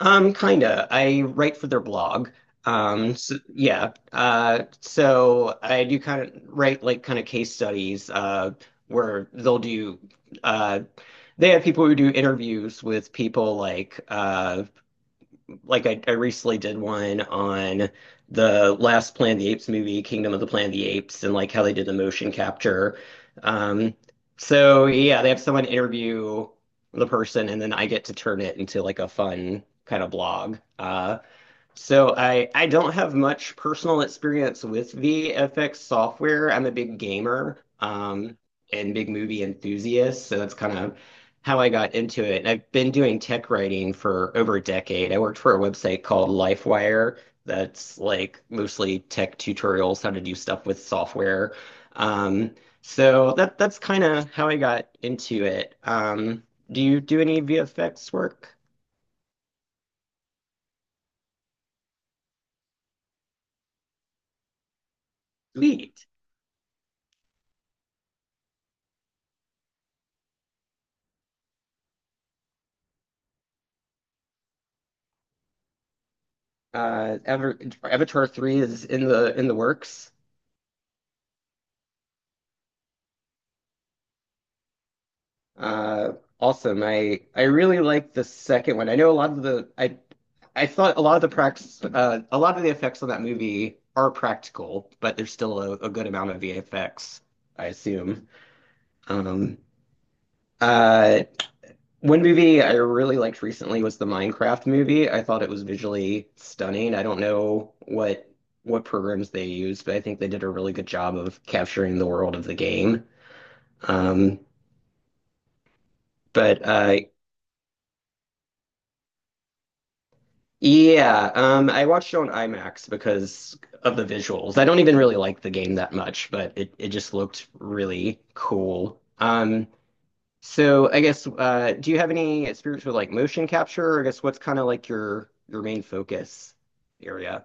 Kinda. I write for their blog. So, yeah. So I do kind of write like kind of case studies, where uh, they have people who do interviews with people like I recently did one on the last Planet of the Apes movie, Kingdom of the Planet of the Apes, and like how they did the motion capture. Um, so yeah, they have someone interview the person, and then I get to turn it into like a fun kind of blog. So I don't have much personal experience with VFX software. I'm a big gamer, and big movie enthusiast, so that's kind of how I got into it. And I've been doing tech writing for over a decade. I worked for a website called LifeWire that's like mostly tech tutorials, how to do stuff with software. Um, so that's kind of how I got into it. Do you do any VFX work? Sweet. Ever Avatar 3 is in the works. Uh, Awesome. I really like the second one. I thought a lot of the prax a lot of the effects on that movie are practical, but there's still a good amount of VFX, I assume. Um, uh, One movie I really liked recently was the Minecraft movie. I thought it was visually stunning. I don't know what programs they used, but I think they did a really good job of capturing the world of the game. Um, But uh, yeah, I watched it on IMAX because of the visuals. I don't even really like the game that much, but it just looked really cool. So I guess do you have any experience with like motion capture? Or I guess what's kind of like your main focus area?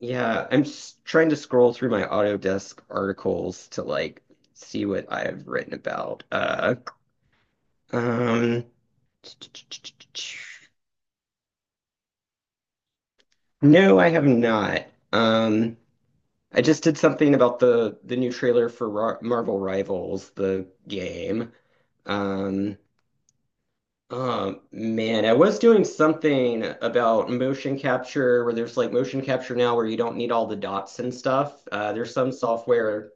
Yeah, I'm just trying to scroll through my Autodesk articles to like see what I've written about. Um, No, I have not. Um, I just did something about the new trailer for Ra Marvel Rivals, the game. Um, oh man, I was doing something about motion capture where there's like motion capture now where you don't need all the dots and stuff. There's some software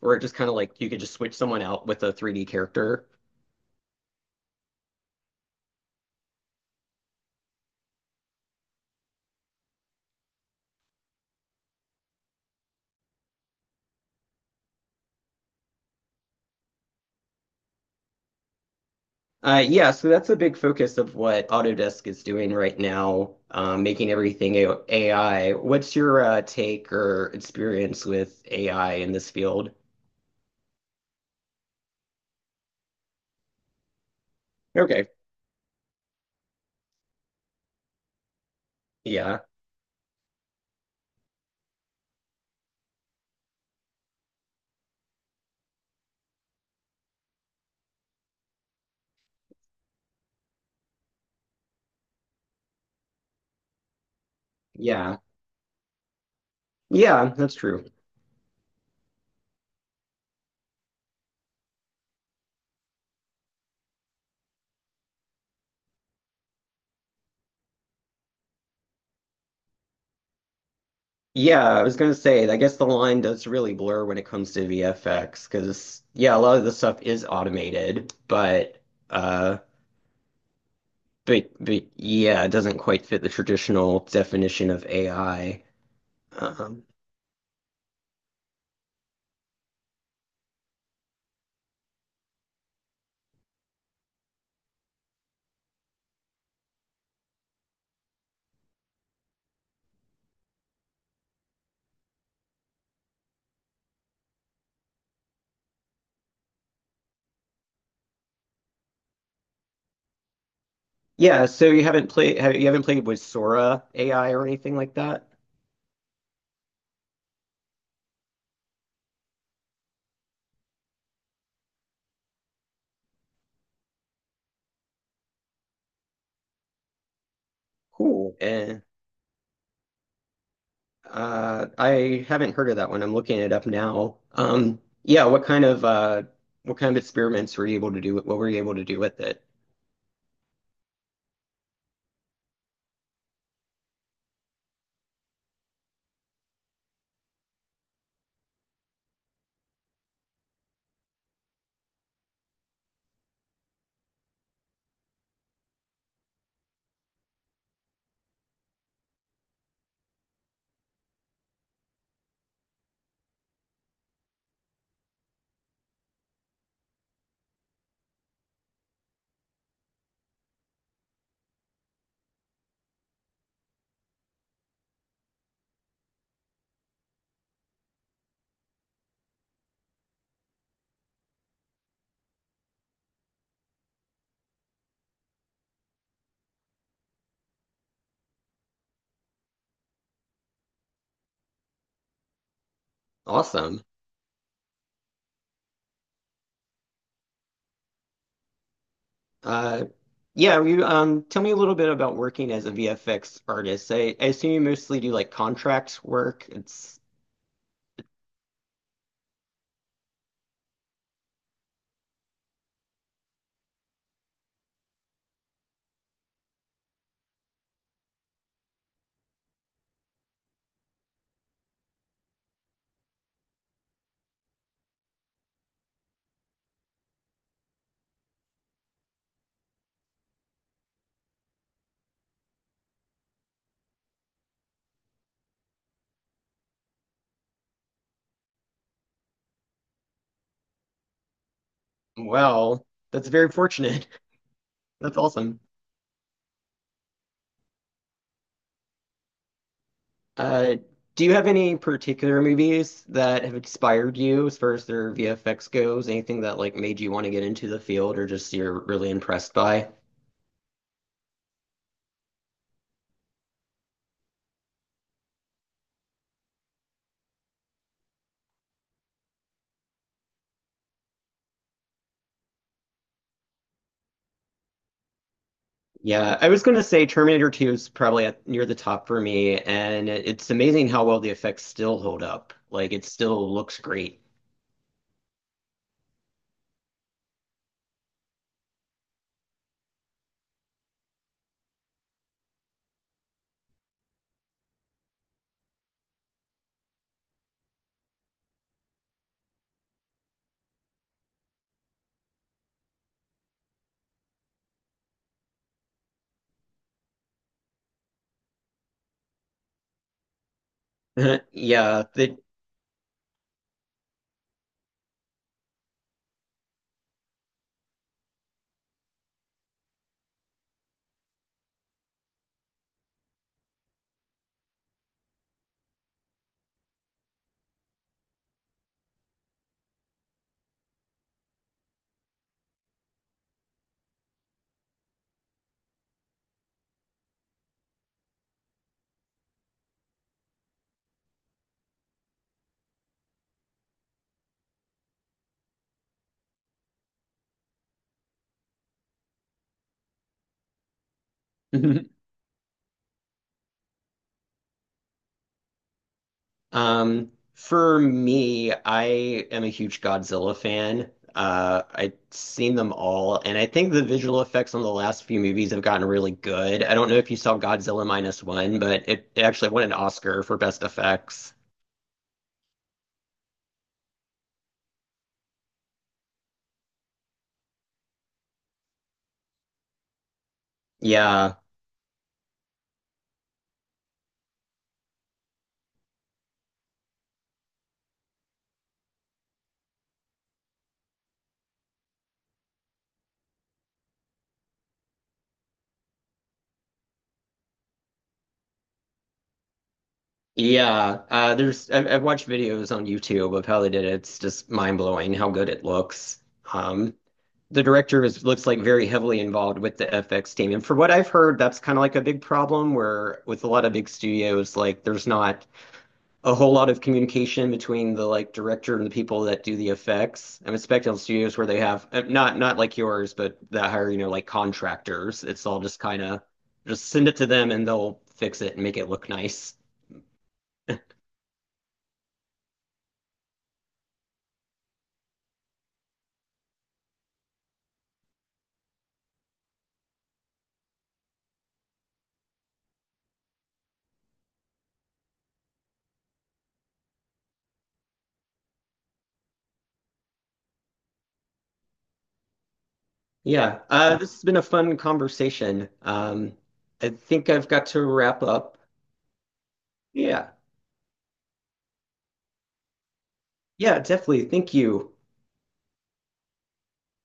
where it just kind of like you could just switch someone out with a 3D character. Yeah, so that's a big focus of what Autodesk is doing right now, making everything AI. What's your take or experience with AI in this field? Okay. Yeah. Yeah. Yeah, that's true. Yeah, I was gonna say, I guess the line does really blur when it comes to VFX, because yeah, a lot of the stuff is automated, uh, but yeah, it doesn't quite fit the traditional definition of AI. Um, Yeah, so you haven't you haven't played with Sora AI or anything like that? Cool. And I haven't heard of that one. I'm looking it up now. What kind of experiments were you able to do? What were you able to do with it? Awesome. Uh, yeah, you Tell me a little bit about working as a VFX artist. I assume you mostly do like contract work. It's well, that's very fortunate. That's awesome. Uh, do you have any particular movies that have inspired you as far as their VFX goes? Anything that like made you want to get into the field or just you're really impressed by? Yeah, I was gonna say Terminator 2 is probably near the top for me, and it's amazing how well the effects still hold up. Like it still looks great. Yeah, the For me, I am a huge Godzilla fan. I've seen them all, and I think the visual effects on the last few movies have gotten really good. I don't know if you saw Godzilla Minus One, but it actually won an Oscar for best effects. Yeah. I've watched videos on YouTube of how they did it. It's just mind blowing how good it looks. Um, the director is looks like very heavily involved with the FX team, and for what I've heard, that's kind of like a big problem where with a lot of big studios, like there's not a whole lot of communication between the like director and the people that do the effects. I'm expecting studios where they have not like yours, but that hire you know like contractors. It's all just kind of just send it to them and they'll fix it and make it look nice. Yeah, this has been a fun conversation. I think I've got to wrap up. Yeah, yeah, definitely. Thank you.